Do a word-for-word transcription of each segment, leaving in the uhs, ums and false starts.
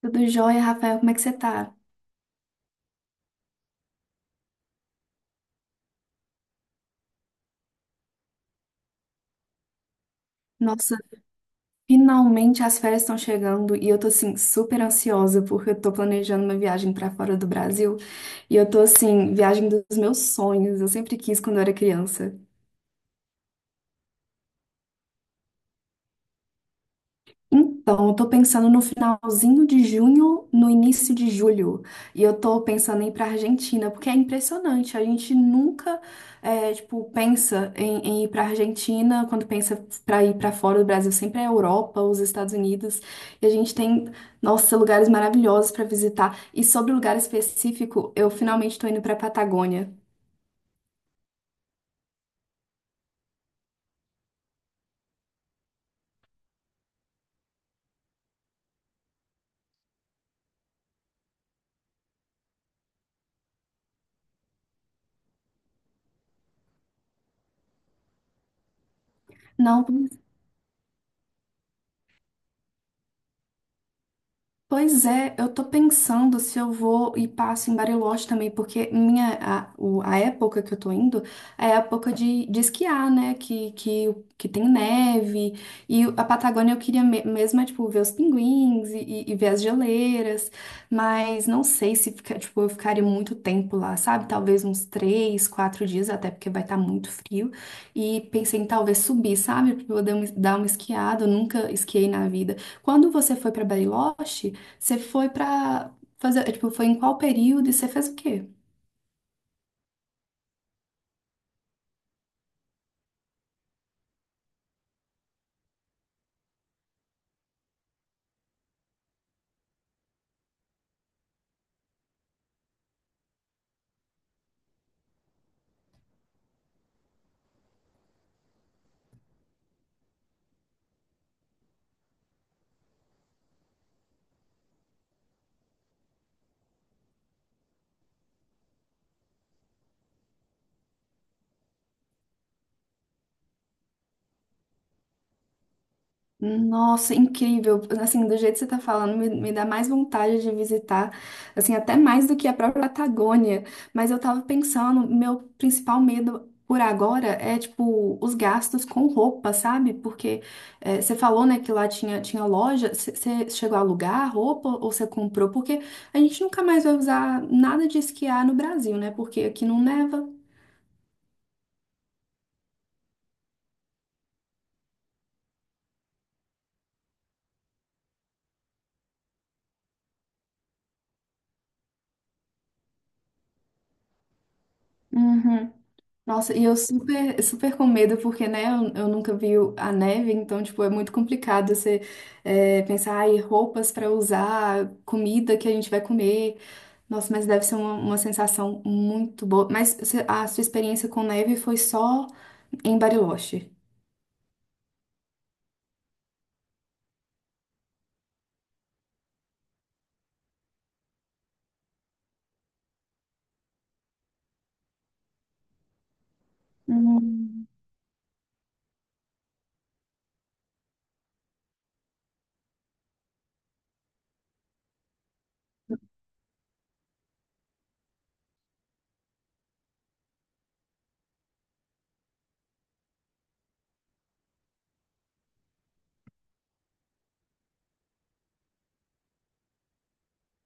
Tudo jóia, Rafael? Como é que você tá? Nossa, finalmente as férias estão chegando e eu tô assim super ansiosa porque eu tô planejando uma viagem pra fora do Brasil e eu tô assim, viagem dos meus sonhos. Eu sempre quis quando eu era criança. Então, eu tô pensando no finalzinho de junho, no início de julho. E eu tô pensando em ir pra Argentina, porque é impressionante. A gente nunca, é, tipo, pensa em, em ir pra Argentina. Quando pensa pra ir pra fora do Brasil, sempre é a Europa, os Estados Unidos. E a gente tem, nossa, lugares maravilhosos pra visitar. E sobre o lugar específico, eu finalmente tô indo pra Patagônia. Não. Pois é, eu tô pensando se eu vou e passo em Bariloche também, porque minha, a, o- a época que eu tô indo é a época de, de esquiar, né? Que, que, que tem neve. E a Patagônia eu queria me- mesmo, é, tipo, ver os pinguins e, e- e ver as geleiras. Mas não sei se fica, tipo, eu ficaria muito tempo lá, sabe? Talvez uns três, quatro dias, até porque vai estar muito frio. E pensei em talvez subir, sabe? Pra poder dar uma esquiada. Eu nunca esquiei na vida. Quando você foi para Bariloche, você foi pra fazer, tipo, foi em qual período e você fez o quê? Nossa, incrível. Assim, do jeito que você tá falando, me, me dá mais vontade de visitar, assim, até mais do que a própria Patagônia. Mas eu tava pensando, meu principal medo por agora é, tipo, os gastos com roupa, sabe? Porque eh, você falou, né, que lá tinha, tinha loja. Você você chegou a alugar roupa ou você comprou? Porque a gente nunca mais vai usar nada de esquiar no Brasil, né? Porque aqui não neva. Uhum. Nossa, e eu super, super com medo, porque, né, eu, eu nunca vi o- a neve, então, tipo, é muito complicado você é, pensar, ai, roupas para usar, comida que a gente vai comer. Nossa, mas deve ser uma, uma sensação muito boa. Mas você- a sua experiência com neve foi só em Bariloche? Hum.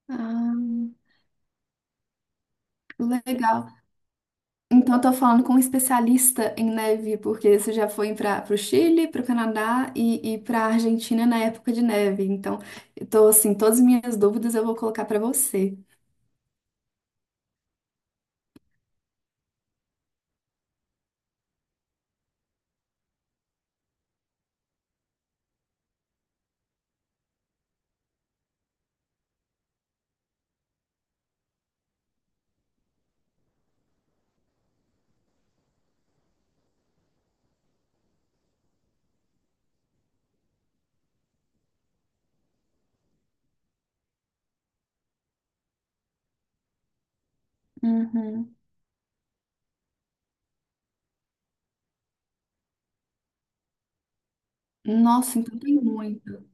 Ah, legal. Então, eu tô falando com um especialista em neve, porque você já foi para o Chile, para o Canadá e, e para a Argentina na época de neve. Então, eu tô assim, todas as minhas dúvidas eu vou colocar para você. Uhum. Nossa, então tem muito.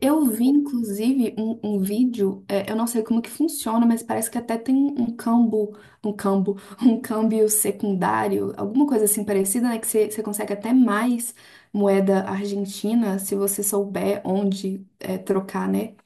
Eu vi, inclusive, um, um vídeo, é, eu não sei como que funciona, mas parece que até tem um um cambo, um cambo, um câmbio secundário, alguma coisa assim parecida, né? Que você, você consegue até mais moeda argentina se você souber onde é, trocar, né?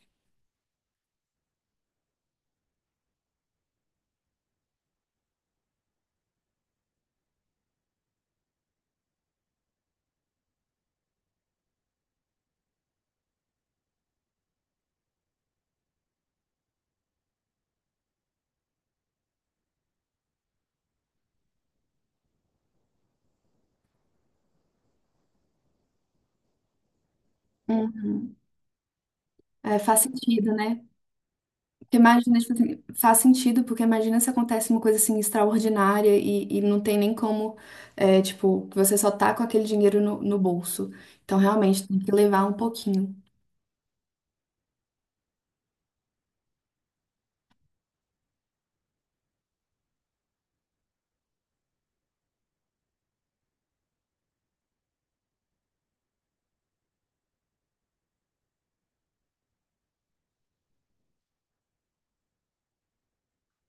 Uhum. É, faz sentido, né? Porque imagina, tipo assim, faz sentido, porque imagina se acontece uma coisa assim extraordinária e, e não tem nem como, é, tipo, que você só tá com aquele dinheiro no, no bolso. Então, realmente, tem que levar um pouquinho.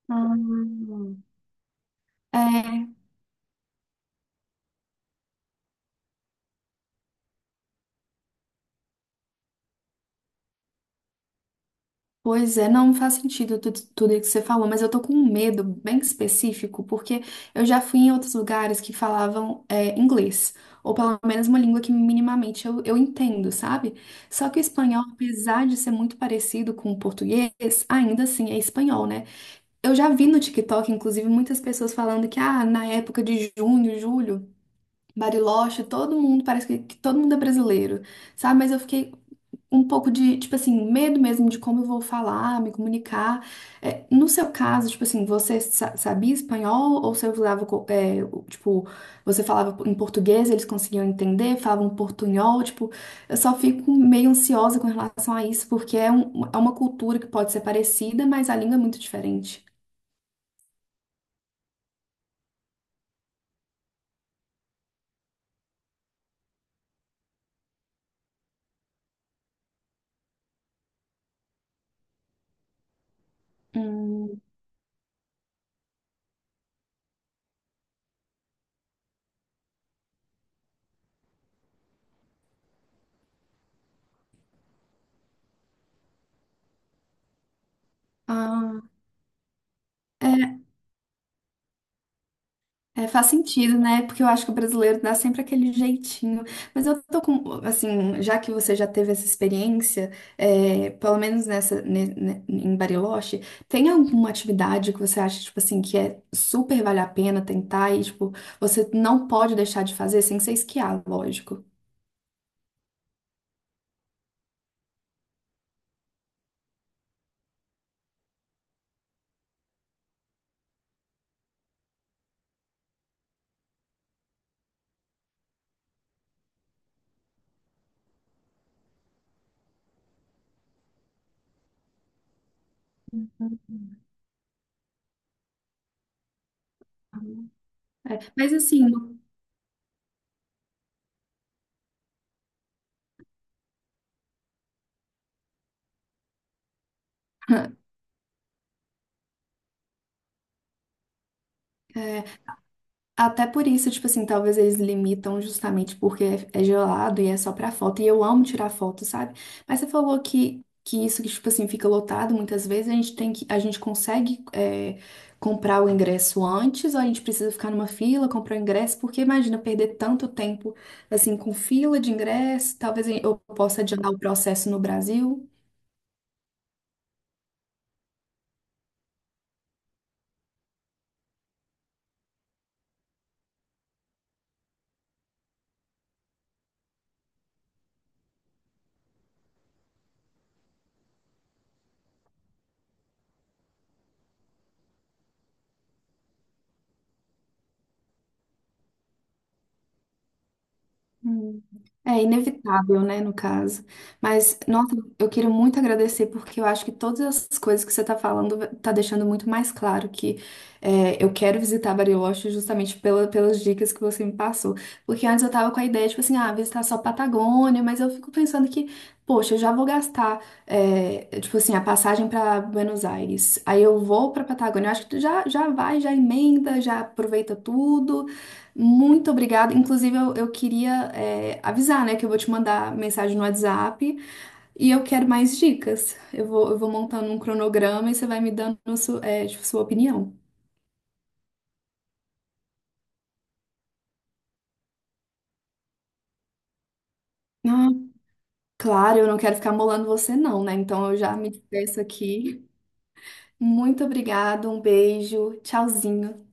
Uhum. Pois é, não faz sentido tudo, tudo isso que você falou, mas eu tô com um medo bem específico, porque eu já fui em outros lugares que falavam é, inglês, ou pelo menos uma língua que minimamente eu, eu entendo, sabe? Só que o espanhol, apesar de ser muito parecido com o português, ainda assim é espanhol, né? Eu já vi no TikTok, inclusive, muitas pessoas falando que, ah, na época de junho, julho, Bariloche, todo mundo, parece que, que todo mundo é brasileiro, sabe? Mas eu fiquei um pouco de, tipo assim, medo mesmo de como eu vou falar, me comunicar. É, no seu caso, tipo assim, você sa- sabia espanhol ou você usava, co- é, o- tipo, você falava em português, eles conseguiam entender, falavam portunhol, tipo, eu só fico meio ansiosa com relação a isso, porque é, um- é uma cultura que pode ser parecida, mas a língua é muito diferente. Hum, ah. é, É, faz sentido, né? Porque eu acho que o brasileiro dá sempre aquele jeitinho. Mas eu tô com, assim, já que você já teve essa experiência, é, pelo menos nessa, ne- ne- em Bariloche, tem alguma atividade que você acha, tipo assim, que é super vale a pena tentar e, tipo, você não pode deixar de fazer sem ser esquiar, lógico. É, mas assim, Até por isso, tipo assim, talvez eles limitam justamente porque é é gelado e é só pra foto. E eu amo tirar foto, sabe? Mas você falou que, que isso que, tipo assim, fica lotado muitas vezes, a gente tem que, a gente consegue é, comprar o ingresso antes, ou a gente precisa ficar numa fila, comprar o ingresso, porque imagina perder tanto tempo assim com fila de ingresso, talvez eu possa adiantar o processo no Brasil. Hum. É inevitável, né, no caso. Mas, nossa, eu quero muito agradecer, porque eu acho que todas essas coisas que você está falando está deixando muito mais claro que é, eu quero visitar Bariloche justamente pela, pelas dicas que você me passou. Porque antes eu tava com a ideia, tipo assim, ah, visitar só Patagônia, mas eu fico pensando que, poxa, eu já vou gastar, é, tipo assim, a passagem para Buenos Aires. Aí eu vou para Patagônia, eu acho que tu já, já vai, já emenda, já aproveita tudo. Muito obrigada. Inclusive, eu, eu queria, é, avisar, né, que eu vou te mandar mensagem no WhatsApp e eu quero mais dicas. Eu vou, eu vou montando um cronograma e você vai me dando su- é, tipo, sua opinião. Ah, claro, eu não quero ficar molando você, não, né? Então eu já me despeço aqui. Muito obrigada, um beijo, tchauzinho.